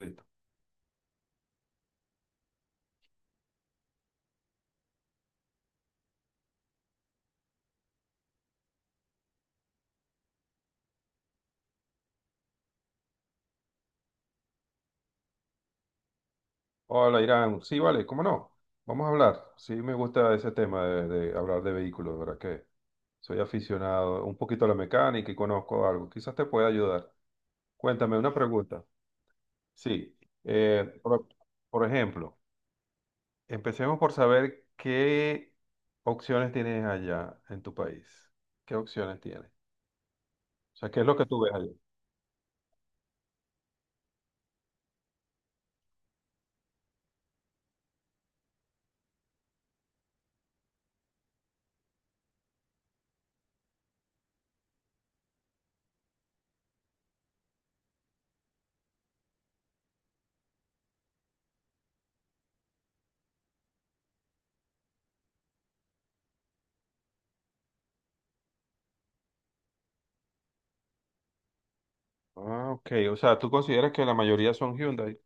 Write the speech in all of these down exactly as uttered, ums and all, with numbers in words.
Listo. Hola, Irán. Sí, vale, cómo no. Vamos a hablar. Sí, me gusta ese tema de, de hablar de vehículos, de verdad que soy aficionado un poquito a la mecánica y conozco algo. Quizás te pueda ayudar. Cuéntame una pregunta. Sí, eh, por, por ejemplo, empecemos por saber qué opciones tienes allá en tu país. ¿Qué opciones tienes? O sea, ¿qué es lo que tú ves allá? Ah, ok. O sea, ¿tú consideras que la mayoría son Hyundai?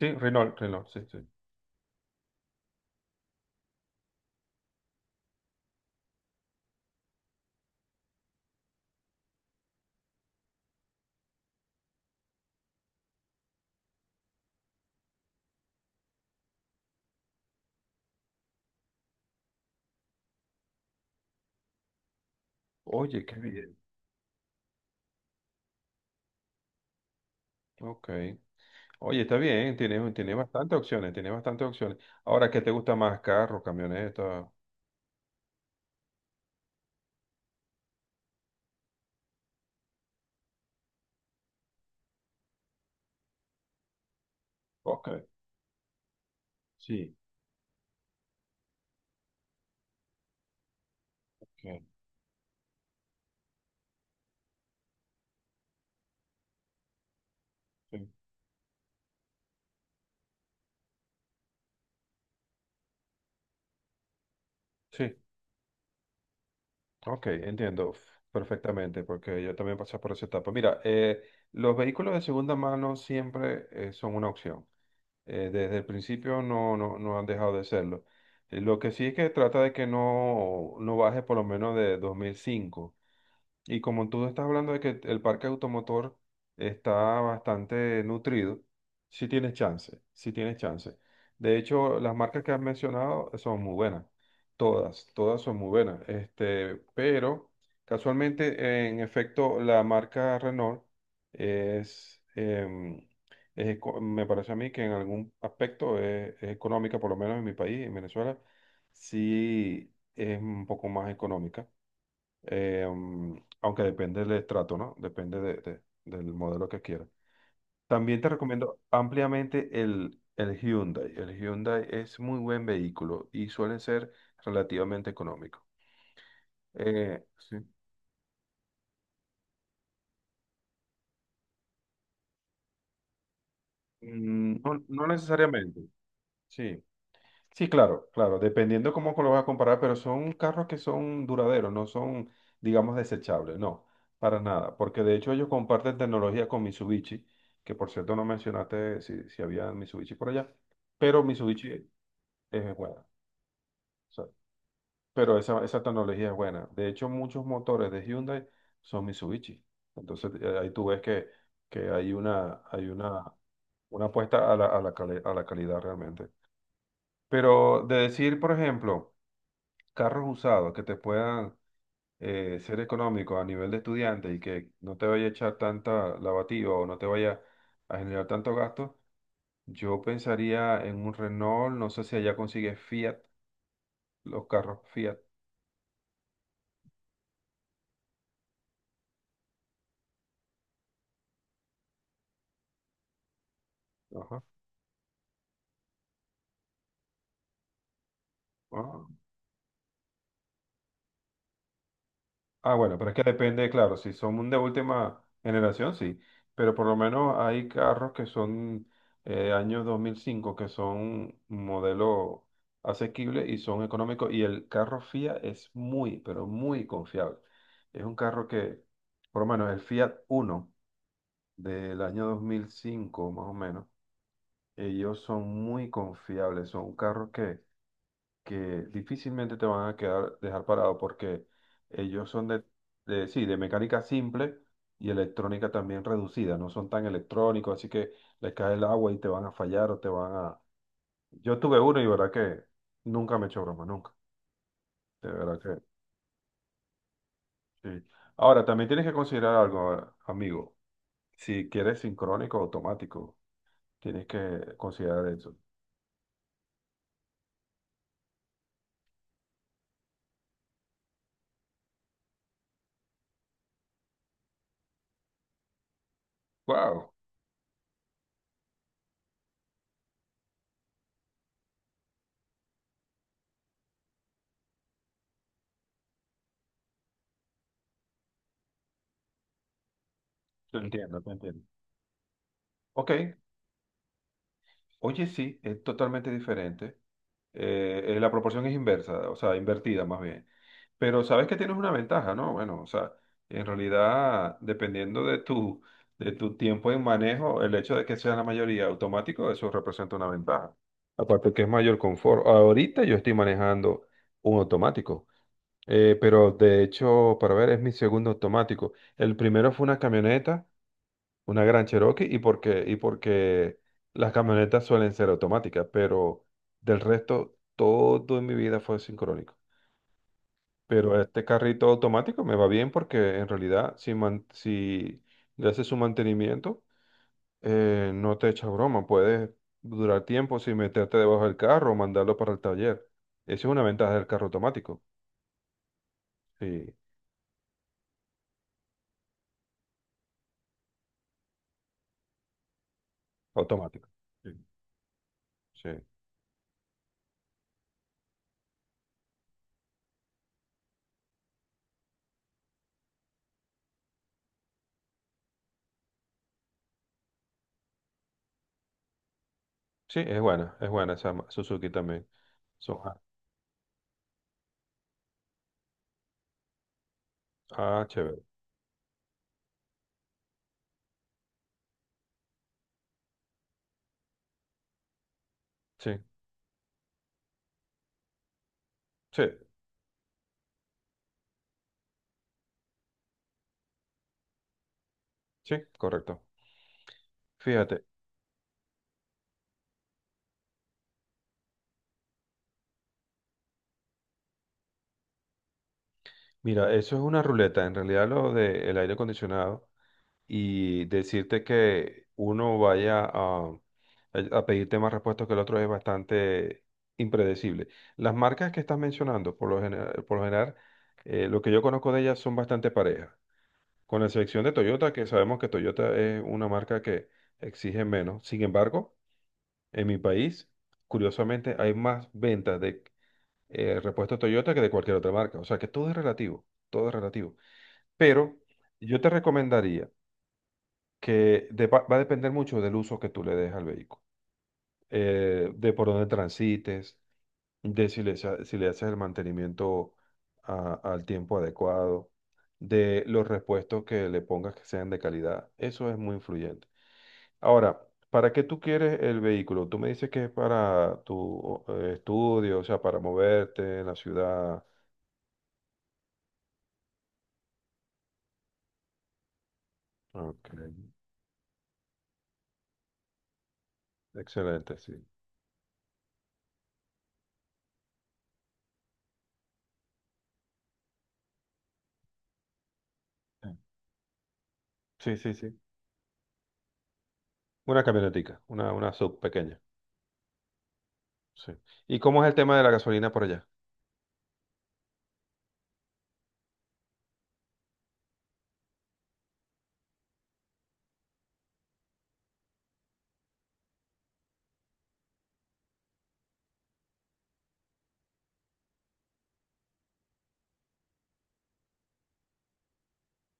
Sí, Renault, Renault, sí, sí. Oye, qué bien. Ok. Oye, está bien, tiene, tiene bastantes opciones, tiene bastantes opciones. Ahora, ¿qué te gusta más? Carro, camioneta. Ok, sí. Ok, sí, sí, ok, entiendo perfectamente, porque yo también pasé por esa etapa. Mira, eh, los vehículos de segunda mano siempre eh, son una opción. Eh, desde el principio no, no, no han dejado de serlo. Eh, Lo que sí es que trata de que no, no baje por lo menos de dos mil cinco. Y como tú estás hablando de que el parque automotor está bastante nutrido, sí tienes chance, sí tienes chance. De hecho, las marcas que has mencionado son muy buenas, todas, todas son muy buenas. Este, pero casualmente, en efecto, la marca Renault es, em, es eco- me parece a mí que en algún aspecto es, es económica, por lo menos en mi país, en Venezuela, sí es un poco más económica, eh, mm, aunque depende del estrato, ¿no? Depende de- de- del modelo que quieras. También te recomiendo ampliamente el, el Hyundai. El Hyundai es muy buen vehículo y suele ser relativamente económico. Eh, sí. Mm, no, no necesariamente, sí. Sí, claro, claro, dependiendo cómo lo vas a comparar, pero son carros que son duraderos, no son, digamos, desechables, no, para nada, porque de hecho ellos comparten tecnología con Mitsubishi, que por cierto no mencionaste si, si había Mitsubishi por allá, pero Mitsubishi es buena, o sea, pero esa, esa tecnología es buena. De hecho, muchos motores de Hyundai son Mitsubishi, entonces eh, ahí tú ves que, que hay una, hay una, una apuesta a la, a la cali- a la calidad realmente. Pero de decir, por ejemplo, carros usados que te puedan eh, ser económicos a nivel de estudiante y que no te vaya a echar tanta lavativa o no te vaya a generar tanto gasto, yo pensaría en un Renault, no sé si allá consigues Fiat, los carros Fiat. Ajá. Ah, Ah, bueno, pero es que depende, claro, si son de última generación, sí, pero por lo menos hay carros que son eh, año dos mil cinco, que son un modelo asequible y son económicos, y el carro Fiat es muy, pero muy confiable. Es un carro que, por lo menos el Fiat Uno del año dos mil cinco, más o menos, ellos son muy confiables, son carros que que difícilmente te van a quedar, dejar parado, porque ellos son de, de, sí, de mecánica simple y electrónica también reducida, no son tan electrónicos, así que les cae el agua y te van a fallar o te van a... Yo tuve uno y verdad que nunca me echó broma, nunca, de verdad que sí. Ahora, también tienes que considerar algo, eh, amigo, si quieres sincrónico o automático, tienes que considerar eso. Wow, te entiendo, te entiendo. Ok, oye, sí, es totalmente diferente. Eh, eh, la proporción es inversa, o sea, invertida más bien. Pero sabes que tienes una ventaja, ¿no? Bueno, o sea, en realidad, dependiendo de tu, de tu tiempo en manejo, el hecho de que sea la mayoría automático, eso representa una ventaja. Aparte que es mayor confort. Ahorita yo estoy manejando un automático, eh, pero de hecho, para ver, es mi segundo automático. El primero fue una camioneta. Una gran Cherokee y porque, y porque las camionetas suelen ser automáticas, pero del resto todo en mi vida fue sincrónico. Pero este carrito automático me va bien porque en realidad si, man- si le haces su mantenimiento, eh, no te echa broma, puedes durar tiempo sin meterte debajo del carro o mandarlo para el taller. Esa es una ventaja del carro automático. Sí, automático. Sí, sí, sí, es buena, es buena esa ma- Suzuki también. Son, ah, ah, Chévere. Sí, sí. Sí, correcto. Fíjate, mira, eso es una ruleta, en realidad lo del aire acondicionado y decirte que uno vaya a, a, pedirte más repuestos que el otro es bastante impredecible. Las marcas que estás mencionando, por lo general, por lo general, eh, lo que yo conozco de ellas son bastante parejas, con la excepción de Toyota, que sabemos que Toyota es una marca que exige menos. Sin embargo, en mi país, curiosamente, hay más ventas de eh, repuesto Toyota que de cualquier otra marca. O sea que todo es relativo, todo es relativo. Pero yo te recomendaría que de- va va a depender mucho del uso que tú le des al vehículo, eh, de por dónde transites, de si le, sa- si le haces el mantenimiento a- al tiempo adecuado, de los repuestos que le pongas que sean de calidad. Eso es muy influyente. Ahora, ¿para qué tú quieres el vehículo? Tú me dices que es para tu eh, estudio, o sea, para moverte en la ciudad. Ok. Excelente, sí. Sí, sí, sí. Sí. Una camionetica, una, una sub pequeña. Sí. ¿Y cómo es el tema de la gasolina por allá?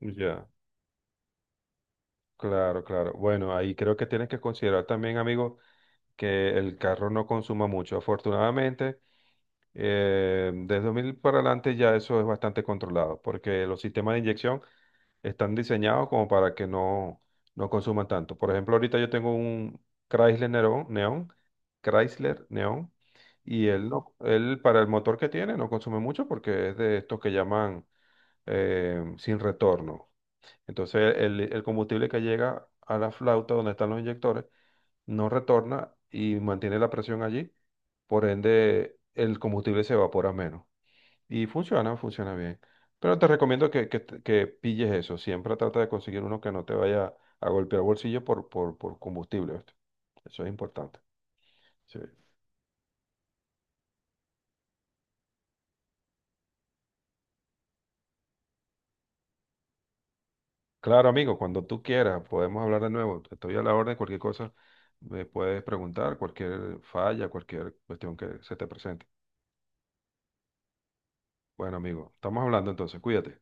Ya. Claro, claro. Bueno, ahí creo que tienes que considerar también, amigo, que el carro no consuma mucho. Afortunadamente, eh, desde dos mil para adelante ya eso es bastante controlado, porque los sistemas de inyección están diseñados como para que no, no consuman tanto. Por ejemplo, ahorita yo tengo un Chrysler Neon, Neon, Chrysler Neon, y él no, él para el motor que tiene no consume mucho porque es de estos que llaman eh, sin retorno. Entonces el, el combustible que llega a la flauta donde están los inyectores no retorna y mantiene la presión allí, por ende el combustible se evapora menos. Y funciona, funciona bien. Pero te recomiendo que, que te- que pilles eso. Siempre trata de conseguir uno que no te vaya a golpear bolsillo por, por, por combustible. ¿Oíste? Eso es importante. Sí. Claro, amigo, cuando tú quieras, podemos hablar de nuevo. Estoy a la orden, cualquier cosa me puedes preguntar, cualquier falla, cualquier cuestión que se te presente. Bueno, amigo, estamos hablando entonces, cuídate.